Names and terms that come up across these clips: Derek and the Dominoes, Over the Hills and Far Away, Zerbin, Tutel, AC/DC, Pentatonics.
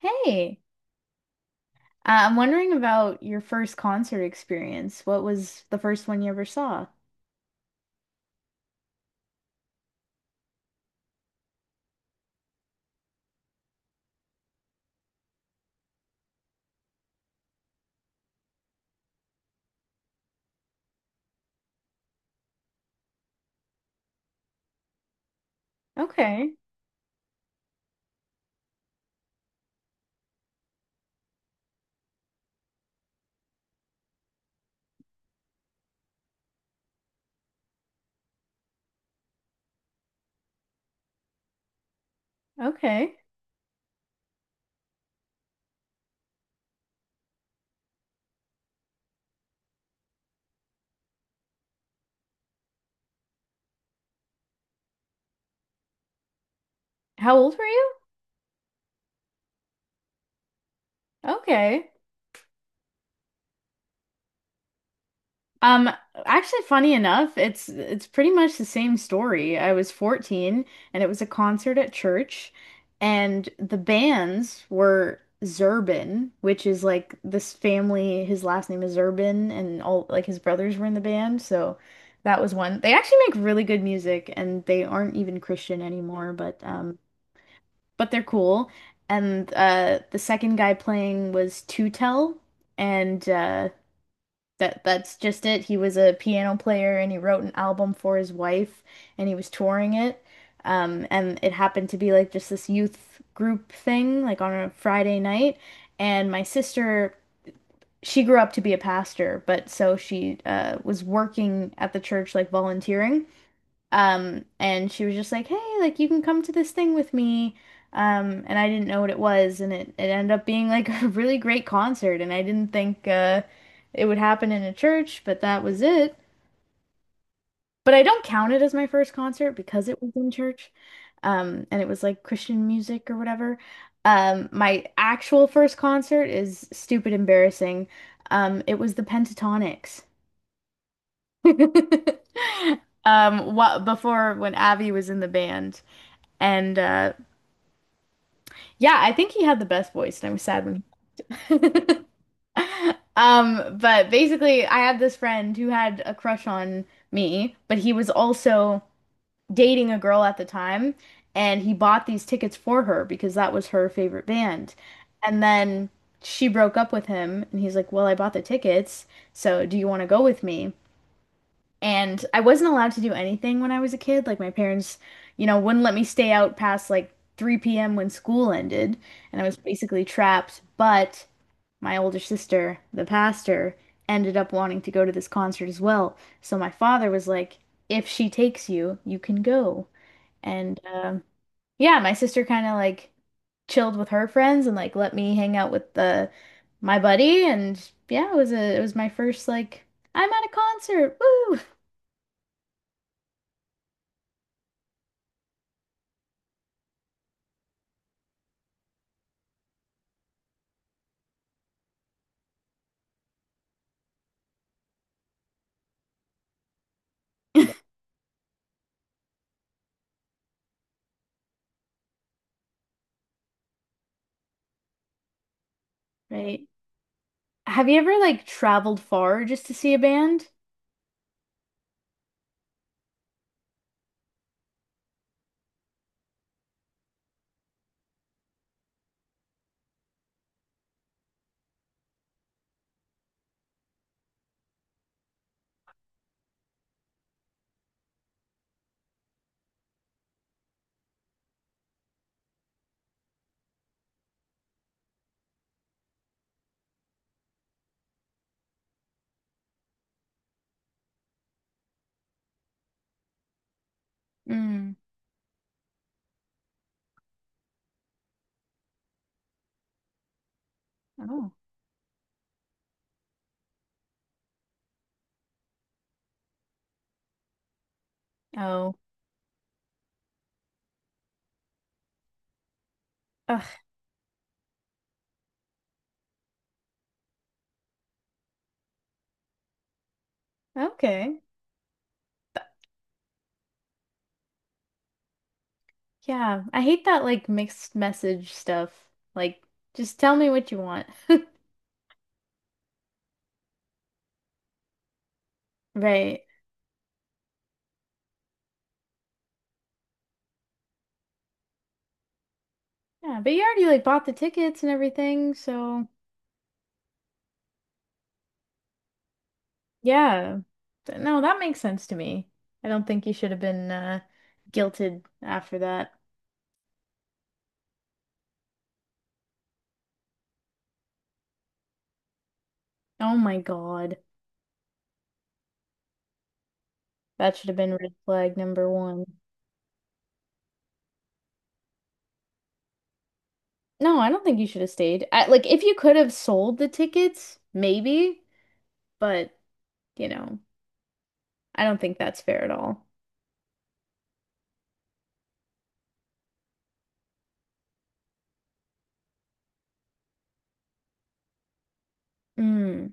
Hey, I'm wondering about your first concert experience. What was the first one you ever saw? Okay, okay. How old were you? Okay. Um, Actually, funny enough, it's pretty much the same story. I was 14 and it was a concert at church, and the bands were Zerbin, which is like this family. His last name is Zerbin and all like his brothers were in the band, so that was one. They actually make really good music and they aren't even Christian anymore, but they're cool. And the second guy playing was Tutel, and that's just it. He was a piano player and he wrote an album for his wife, and he was touring it. And it happened to be like just this youth group thing, like on a Friday night. And my sister, she grew up to be a pastor, but so she was working at the church, like volunteering. And she was just like, "Hey, like you can come to this thing with me." And I didn't know what it was, and it ended up being like a really great concert, and I didn't think it would happen in a church, but that was it. But I don't count it as my first concert because it was in church. And it was like Christian music or whatever. My actual first concert is stupid embarrassing. It was the Pentatonics. What before when Abby was in the band. And yeah, I think he had the best voice, and I was sad when. But basically, I had this friend who had a crush on me, but he was also dating a girl at the time, and he bought these tickets for her because that was her favorite band. And then she broke up with him, and he's like, "Well, I bought the tickets, so do you want to go with me?" And I wasn't allowed to do anything when I was a kid. Like my parents, wouldn't let me stay out past like 3 p.m. when school ended, and I was basically trapped. But my older sister, the pastor, ended up wanting to go to this concert as well. So my father was like, if she takes you, you can go. And yeah, my sister kind of like chilled with her friends and like let me hang out with the my buddy. And yeah, it was my first like I'm at a concert, woo. Right? Have you ever like traveled far just to see a band? Mm. Oh. Oh. Ugh. Okay. Yeah. I hate that like mixed message stuff. Like, just tell me what you want. Right. Yeah, but you already like bought the tickets and everything, so yeah. Th- No, that makes sense to me. I don't think you should have been guilted after that. Oh my God. That should have been red flag number one. No, I don't think you should have stayed. I, like, if you could have sold the tickets, maybe, but you know, I don't think that's fair at all. Mm,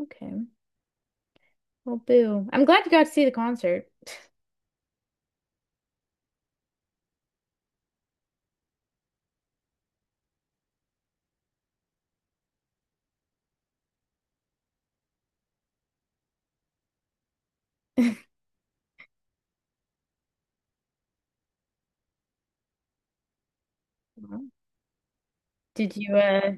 okay. Well, boo. I'm glad you got to see the concert. Mhm. Did you uh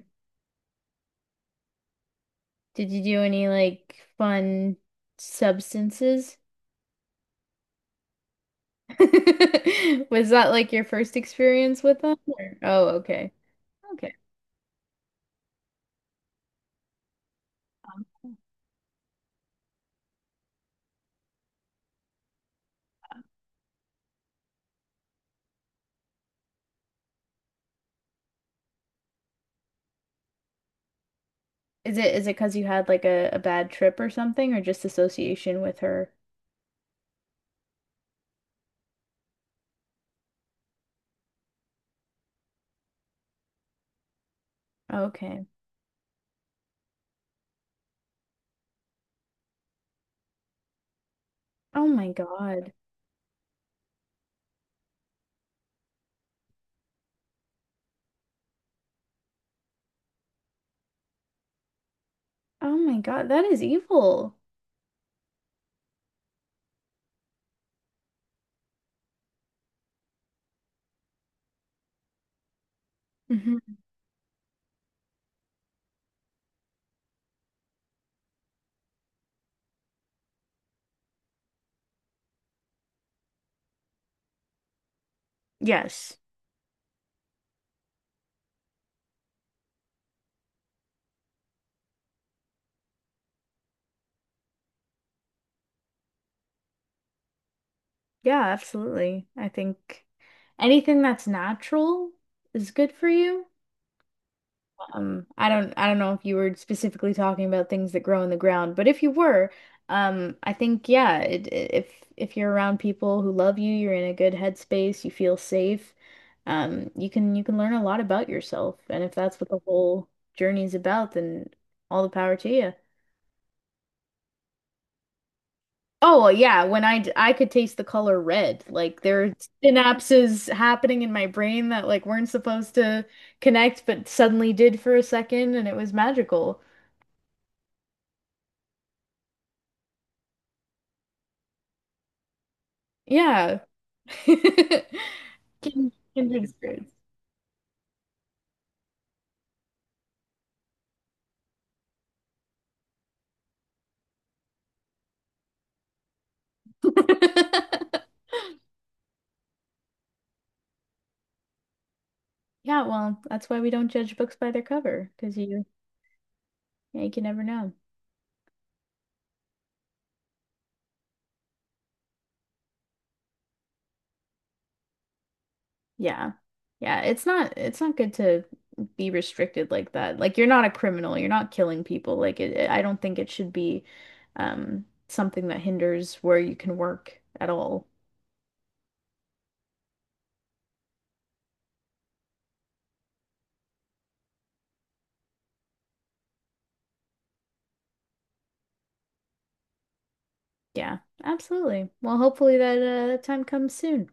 did you do any like fun substances? Was that like your first experience with them? Or- Oh, okay. Okay. Um, is it 'cause you had like a bad trip or something or just association with her? Okay. Oh my God. Oh my God, that is evil. Hmm. Yes. Yeah, absolutely. I think anything that's natural is good for you. I don't know if you were specifically talking about things that grow in the ground, but if you were, I think yeah, if you're around people who love you, you're in a good headspace, you feel safe, you can learn a lot about yourself. And if that's what the whole journey is about, then all the power to you. Oh, well, yeah, when I could taste the color red. Like there are synapses happening in my brain that like weren't supposed to connect but suddenly did for a second, and it was magical. Yeah. Kindred spirits. Yeah, well, that's why we don't judge books by their cover, because you yeah, you can never know. Yeah. Yeah, it's not good to be restricted like that. Like you're not a criminal, you're not killing people. I don't think it should be something that hinders where you can work at all. Yeah, absolutely. Well, hopefully that that time comes soon.